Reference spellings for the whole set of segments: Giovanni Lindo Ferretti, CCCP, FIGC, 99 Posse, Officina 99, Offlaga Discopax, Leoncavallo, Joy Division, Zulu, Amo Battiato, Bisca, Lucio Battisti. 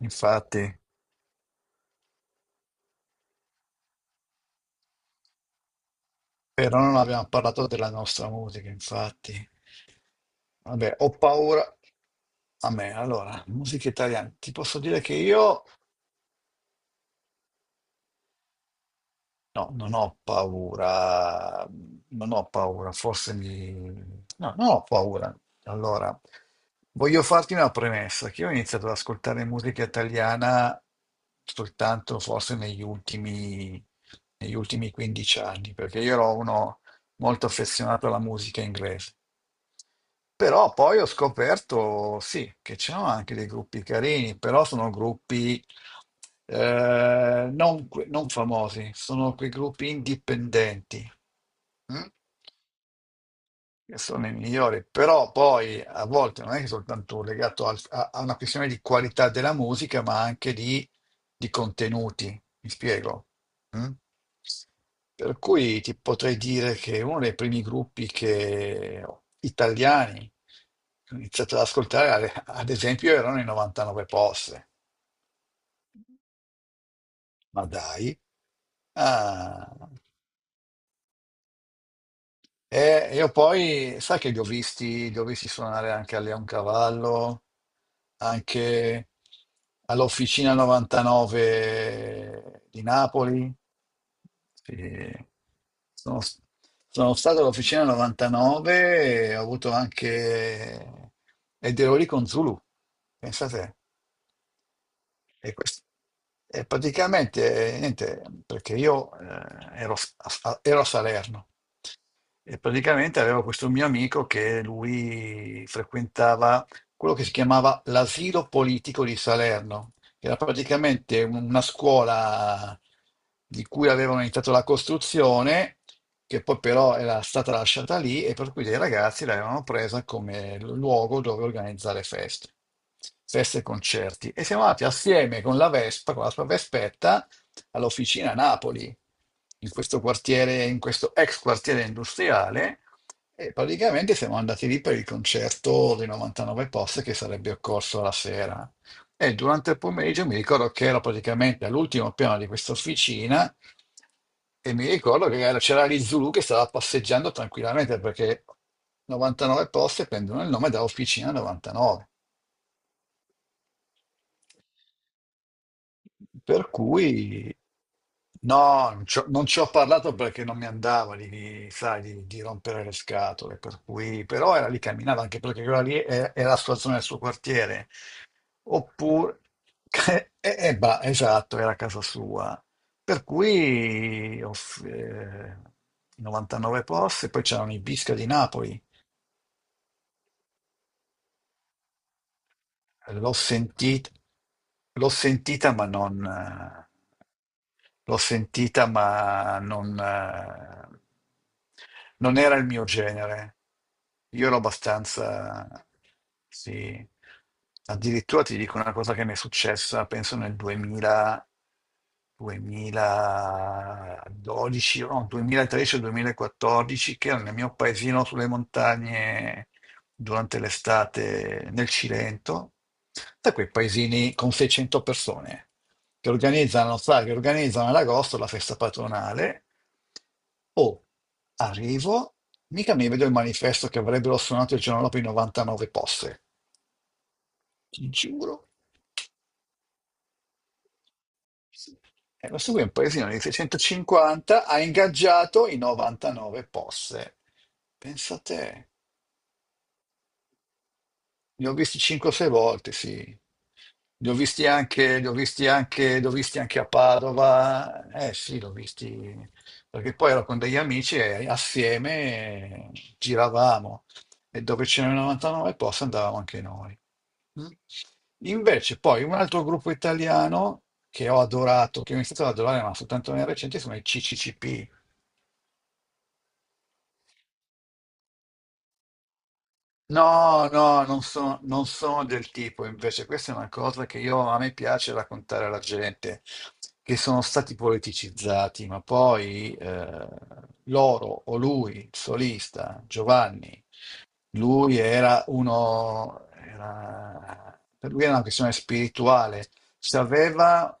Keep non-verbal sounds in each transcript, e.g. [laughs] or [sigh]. Infatti, però non abbiamo parlato della nostra musica, infatti. Vabbè, ho paura. A me, allora, musica italiana. Ti posso dire che io. No, non ho paura, non ho paura, forse mi. No, non ho paura. Allora, voglio farti una premessa, che io ho iniziato ad ascoltare musica italiana soltanto forse negli ultimi 15 anni, perché io ero uno molto affezionato alla musica inglese. Però poi ho scoperto, sì, che c'erano anche dei gruppi carini, però sono gruppi non famosi, sono quei gruppi indipendenti. Mm? Che sono i migliori, però poi a volte non è che è soltanto legato a una questione di qualità della musica, ma anche di contenuti, mi spiego. Mm? Per cui ti potrei dire che uno dei primi gruppi che, italiani, che ho iniziato ad ascoltare, ad esempio, erano i 99 Posse. Ma dai. Ah, e io poi, sai che li ho visti suonare anche a Leoncavallo, anche all'Officina 99 di Napoli. Sì. Sono, sono stato all'Officina 99 e ho avuto anche. Ed ero lì con Zulu, pensate. E, quest- e praticamente, niente, perché io ero a Salerno e praticamente avevo questo mio amico che lui frequentava quello che si chiamava l'asilo politico di Salerno, che era praticamente una scuola di cui avevano iniziato la costruzione che poi però era stata lasciata lì e per cui dei ragazzi l'avevano presa come luogo dove organizzare feste e concerti. E siamo andati assieme con la Vespa, con la sua Vespetta, all'officina a Napoli, in questo quartiere, in questo ex quartiere industriale, e praticamente siamo andati lì per il concerto dei 99 post che sarebbe occorso la sera. E durante il pomeriggio mi ricordo che ero praticamente all'ultimo piano di questa officina e mi ricordo che c'era lì Zulu che stava passeggiando tranquillamente perché 99 poste prendono il nome da Officina 99. Per cui no, non ci ho parlato perché non mi andava sai, di rompere le scatole, per cui, però era lì, camminava anche perché quella lì è la sua zona, il suo quartiere. Oppure, [laughs] bah, esatto, era a casa sua. Per cui 99 posti, poi c'erano i Bisca di Napoli. L'ho sentita, l'ho sentita, ma non, eh, L'ho sentita, ma non, non era il mio genere. Io ero abbastanza, sì, addirittura ti dico una cosa che mi è successa, penso nel 2000, 2012, no, 2013 o 2014, che ero nel mio paesino sulle montagne durante l'estate nel Cilento, da quei paesini con 600 persone che organizzano, sa, che organizzano ad agosto la festa patronale. Oh, arrivo, mica mi vedo il manifesto che avrebbero suonato il giorno dopo i 99 posse. Ti giuro. E questo qui è un paesino di 650, ha ingaggiato i 99 posse. Pensa a te. Li ho visti 5-6 volte, sì. Li ho visti anche, li ho visti anche, li ho visti anche a Padova. Eh sì, li ho visti perché poi ero con degli amici e assieme giravamo e dove c'erano 99 posti andavamo anche noi. Mm. Invece poi un altro gruppo italiano che ho adorato, che ho iniziato ad adorare, ma soltanto nel recente, sono i CCCP. No, no, non sono del tipo, invece questa è una cosa che io, a me piace raccontare alla gente, che sono stati politicizzati, ma poi loro o lui, il solista, Giovanni, lui era uno, era- per lui era una questione spirituale, sapeva.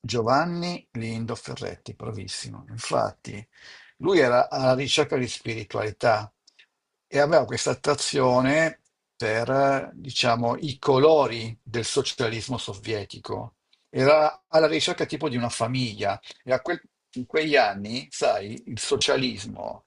Giovanni Lindo Ferretti, bravissimo. Infatti, lui era alla ricerca di spiritualità e aveva questa attrazione per, diciamo, i colori del socialismo sovietico. Era alla ricerca tipo di una famiglia e in quegli anni, sai, il socialismo.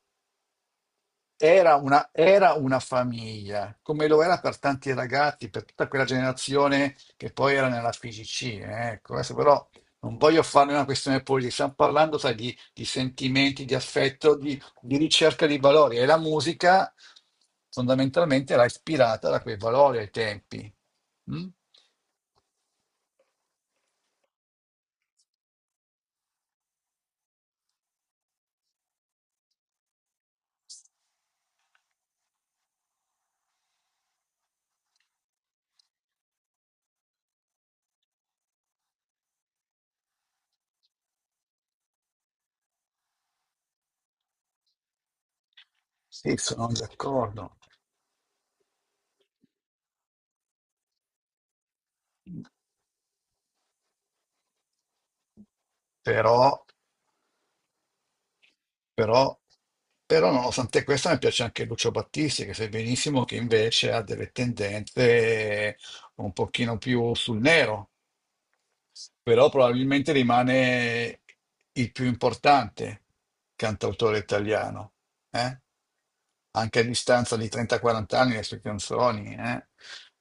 Era una famiglia, come lo era per tanti ragazzi, per tutta quella generazione che poi era nella FIGC. Ecco, adesso però non voglio farne una questione politica, stiamo parlando, sai, di sentimenti, di affetto, di ricerca di valori e la musica fondamentalmente era ispirata da quei valori ai tempi. Mm? Sì, sono d'accordo, però Però, però nonostante questo mi piace anche Lucio Battisti, che sai benissimo che invece ha delle tendenze un pochino più sul nero, però probabilmente rimane il più importante cantautore italiano, eh? Anche a distanza di 30-40 anni le sue canzoni, eh?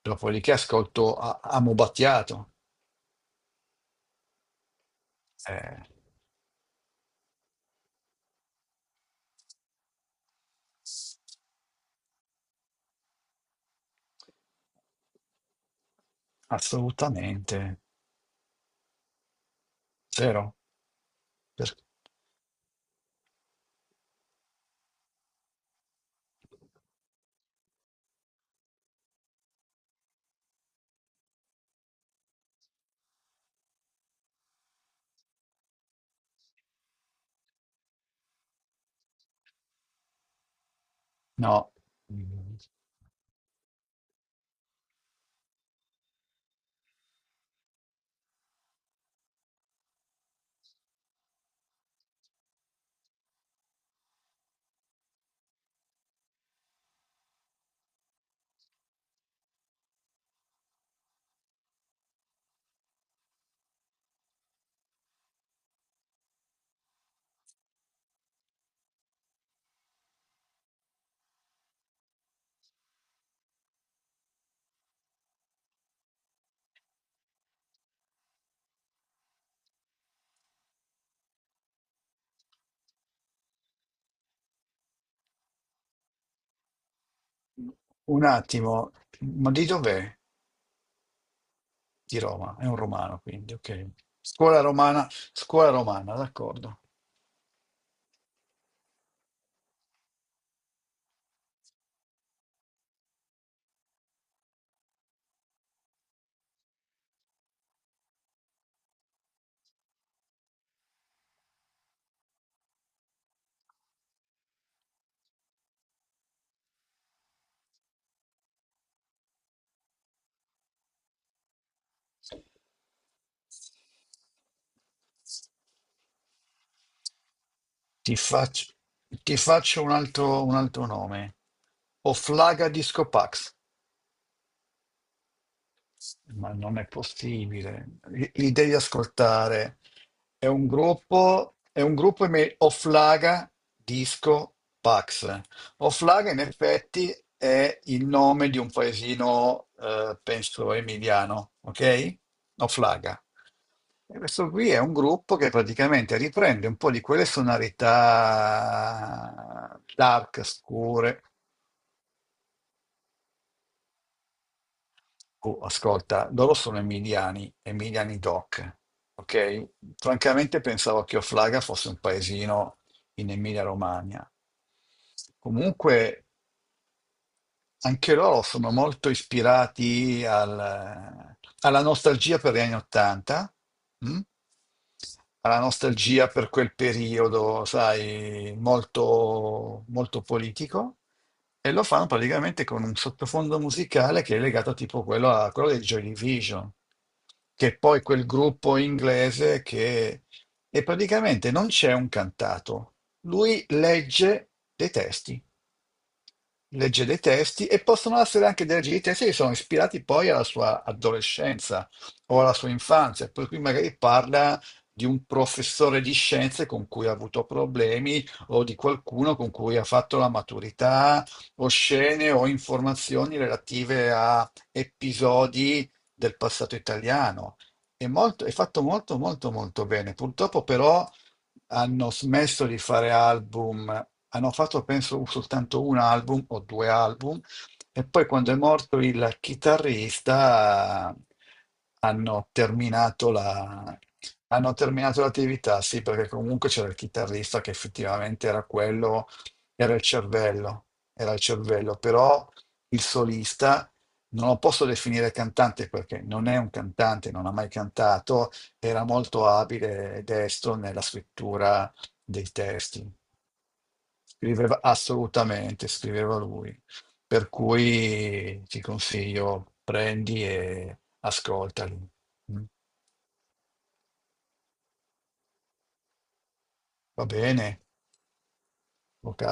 Dopodiché ascolto Amo Battiato. Eh, assolutamente, zero. No, un attimo, ma di dov'è? Di Roma, è un romano, quindi, ok. Scuola romana, scuola romana, d'accordo. Ti faccio, ti faccio un altro nome. Oflaga Discopax. Ma non è possibile, li devi ascoltare. È un gruppo Offlaga Disco Pax. Offlaga in effetti è il nome di un paesino, penso, emiliano, ok? Offlaga. E questo qui è un gruppo che praticamente riprende un po' di quelle sonorità dark, scure. Oh, ascolta, loro sono emiliani, emiliani doc, ok? Francamente pensavo che Offlaga fosse un paesino in Emilia-Romagna. Comunque anche loro sono molto ispirati alla nostalgia per gli anni Ottanta. Mm? Alla nostalgia per quel periodo, sai, molto, molto politico, e lo fanno praticamente con un sottofondo musicale che è legato tipo quello a quello dei Joy Division, che è poi quel gruppo inglese che e praticamente non c'è un cantato, lui legge dei testi e possono essere anche dei leggi dei testi che sono ispirati poi alla sua adolescenza o alla sua infanzia, per cui magari parla di un professore di scienze con cui ha avuto problemi o di qualcuno con cui ha fatto la maturità o scene o informazioni relative a episodi del passato italiano. È fatto molto molto molto bene. Purtroppo però hanno smesso di fare album. Hanno fatto, penso, soltanto un album o due album, e poi quando è morto il chitarrista hanno terminato la- hanno terminato l'attività, sì, perché comunque c'era il chitarrista che effettivamente era quello, era il cervello, era il cervello, però il solista non lo posso definire cantante perché non è un cantante, non ha mai cantato, era molto abile e destro nella scrittura dei testi. Scriveva assolutamente, scriveva lui. Per cui ti consiglio, prendi e ascoltali. Mm? Va bene? Ok.